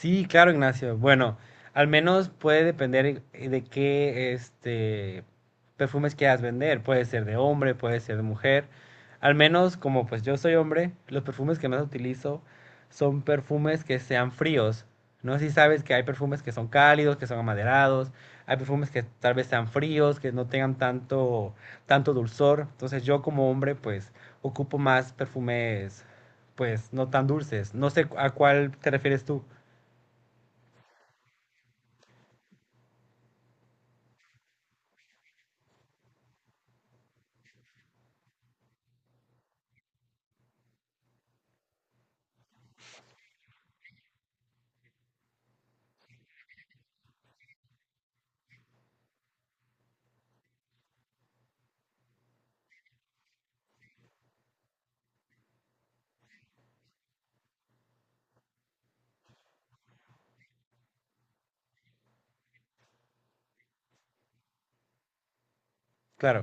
Sí, claro, Ignacio. Bueno, al menos puede depender de qué perfumes quieras vender. Puede ser de hombre, puede ser de mujer. Al menos, como pues yo soy hombre, los perfumes que más utilizo son perfumes que sean fríos. No sé si sabes que hay perfumes que son cálidos, que son amaderados, hay perfumes que tal vez sean fríos, que no tengan tanto dulzor. Entonces yo como hombre pues ocupo más perfumes pues no tan dulces. No sé a cuál te refieres tú. Claro,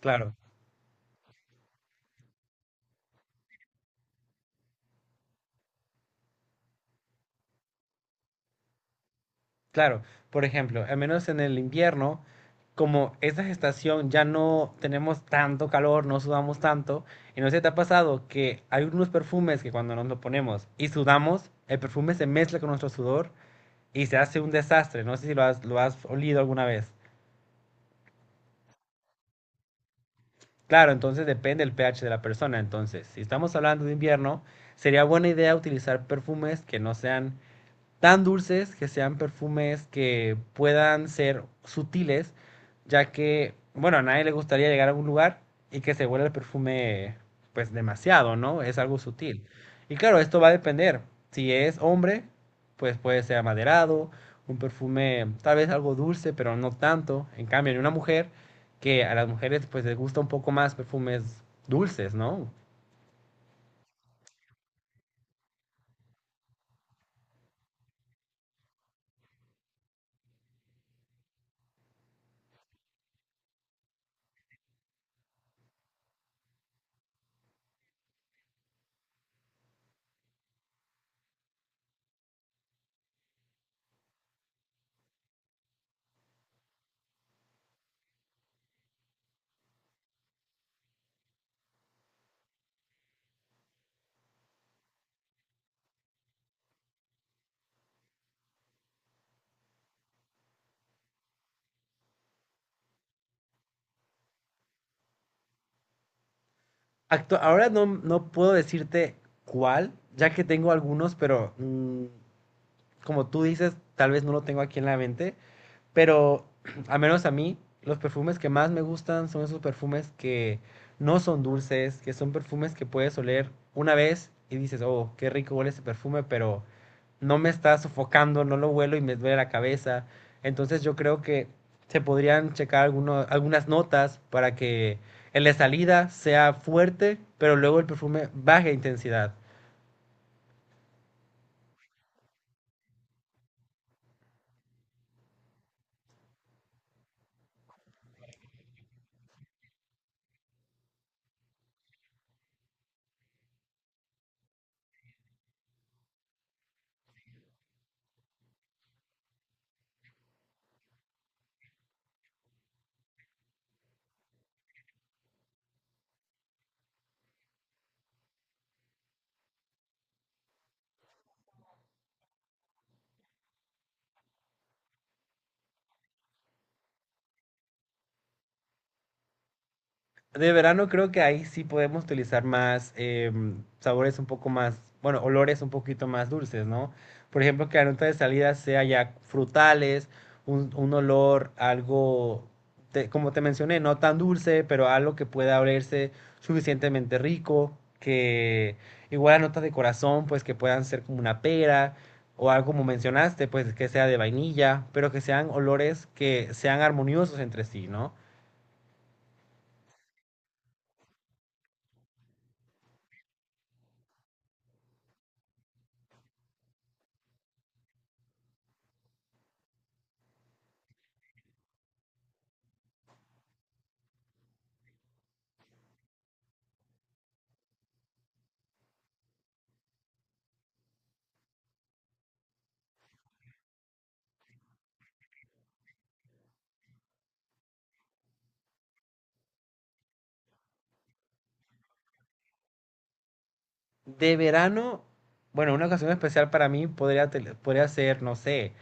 claro, claro. Por ejemplo, al menos en el invierno, como esta estación ya no tenemos tanto calor, no sudamos tanto, y no sé si te ha pasado que hay unos perfumes que cuando nos lo ponemos y sudamos, el perfume se mezcla con nuestro sudor y se hace un desastre. No sé si lo has olido alguna vez. Claro, entonces depende del pH de la persona. Entonces, si estamos hablando de invierno, sería buena idea utilizar perfumes que no sean tan dulces, que sean perfumes que puedan ser sutiles, ya que, bueno, a nadie le gustaría llegar a un lugar y que se huela el perfume pues demasiado, ¿no? Es algo sutil. Y claro, esto va a depender. Si es hombre, pues puede ser amaderado, un perfume tal vez algo dulce, pero no tanto. En cambio, en una mujer, que a las mujeres pues les gusta un poco más perfumes dulces, ¿no? Ahora no puedo decirte cuál, ya que tengo algunos, pero como tú dices, tal vez no lo tengo aquí en la mente. Pero, al menos a mí, los perfumes que más me gustan son esos perfumes que no son dulces, que son perfumes que puedes oler una vez y dices, oh, qué rico huele ese perfume, pero no me está sofocando, no lo huelo y me duele la cabeza. Entonces yo creo que se podrían checar algunas notas para que en la salida sea fuerte, pero luego el perfume baje de intensidad. De verano creo que ahí sí podemos utilizar más sabores un poco más, bueno, olores un poquito más dulces, ¿no? Por ejemplo, que la nota de salida sea ya frutales, un olor algo, como te mencioné, no tan dulce, pero algo que pueda olerse suficientemente rico, que igual notas de corazón, pues que puedan ser como una pera o algo como mencionaste, pues que sea de vainilla, pero que sean olores que sean armoniosos entre sí, ¿no? De verano, bueno, una ocasión especial para mí podría, podría ser, no sé,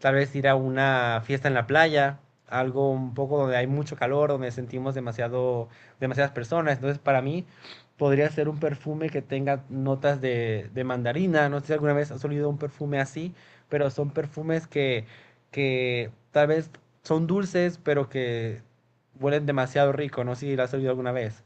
tal vez ir a una fiesta en la playa, algo un poco donde hay mucho calor, donde sentimos demasiado, demasiadas personas. Entonces, para mí podría ser un perfume que tenga notas de mandarina. No sé si alguna vez has olido un perfume así, pero son perfumes que tal vez son dulces, pero que huelen demasiado rico. No sé si lo has olido alguna vez.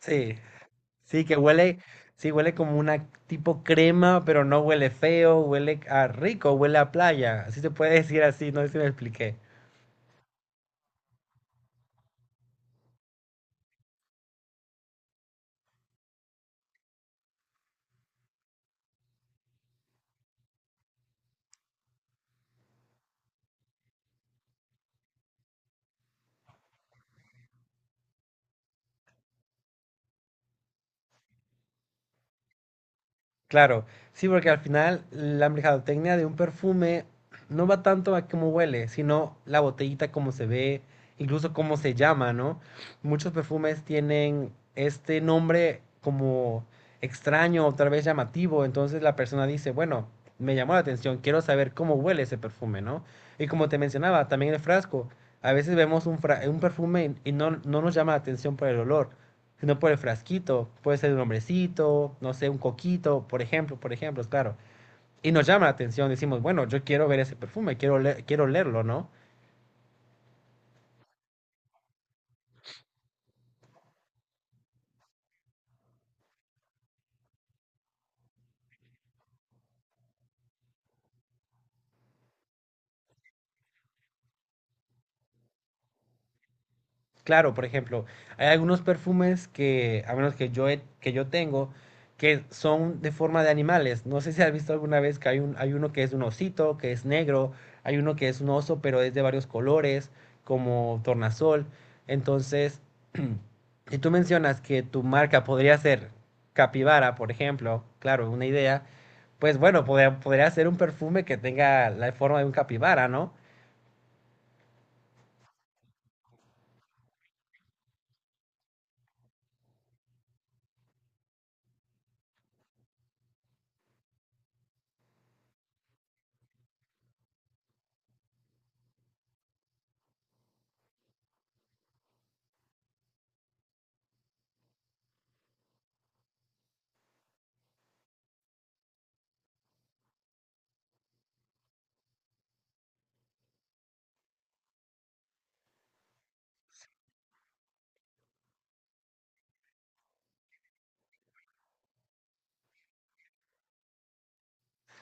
Sí. Sí, que huele, sí, huele como una tipo crema, pero no huele feo, huele a rico, huele a playa. Así se puede decir así, no sé si me expliqué. Claro, sí, porque al final la mercadotecnia de un perfume no va tanto a cómo huele, sino la botellita, cómo se ve, incluso cómo se llama, ¿no? Muchos perfumes tienen este nombre como extraño o tal vez llamativo, entonces la persona dice, bueno, me llamó la atención, quiero saber cómo huele ese perfume, ¿no? Y como te mencionaba, también el frasco, a veces vemos un perfume y no nos llama la atención por el olor, sino por el frasquito. Puede ser un hombrecito, no sé, un coquito, por ejemplo, claro. Y nos llama la atención, decimos, bueno, yo quiero ver ese perfume, quiero, quiero olerlo, ¿no? Claro, por ejemplo, hay algunos perfumes que, a menos que yo, que yo tengo, que son de forma de animales. No sé si has visto alguna vez que hay, hay uno que es un osito, que es negro, hay uno que es un oso, pero es de varios colores, como tornasol. Entonces, si tú mencionas que tu marca podría ser capibara, por ejemplo, claro, una idea, pues bueno, podría ser un perfume que tenga la forma de un capibara, ¿no?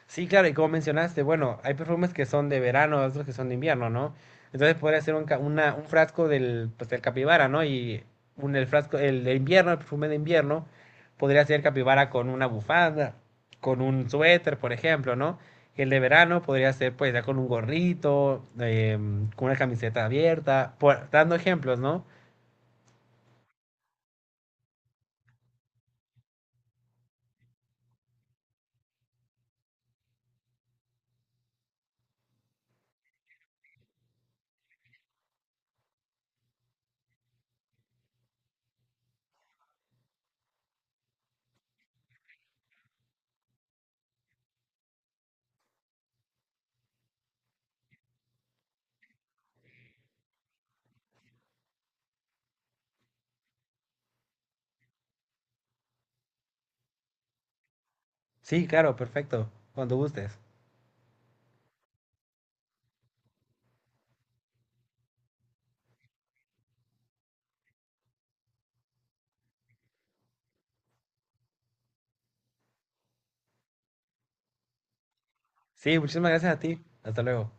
Sí, claro, y como mencionaste, bueno, hay perfumes que son de verano, otros que son de invierno, ¿no? Entonces podría ser un frasco del, pues, del capibara, ¿no? Y el frasco, el de invierno, el perfume de invierno, podría ser capibara con una bufanda, con un suéter, por ejemplo, ¿no? Y el de verano podría ser, pues, ya con un gorrito, con una camiseta abierta, dando ejemplos, ¿no? Sí, claro, perfecto, cuando gustes. Sí, muchísimas gracias a ti. Hasta luego.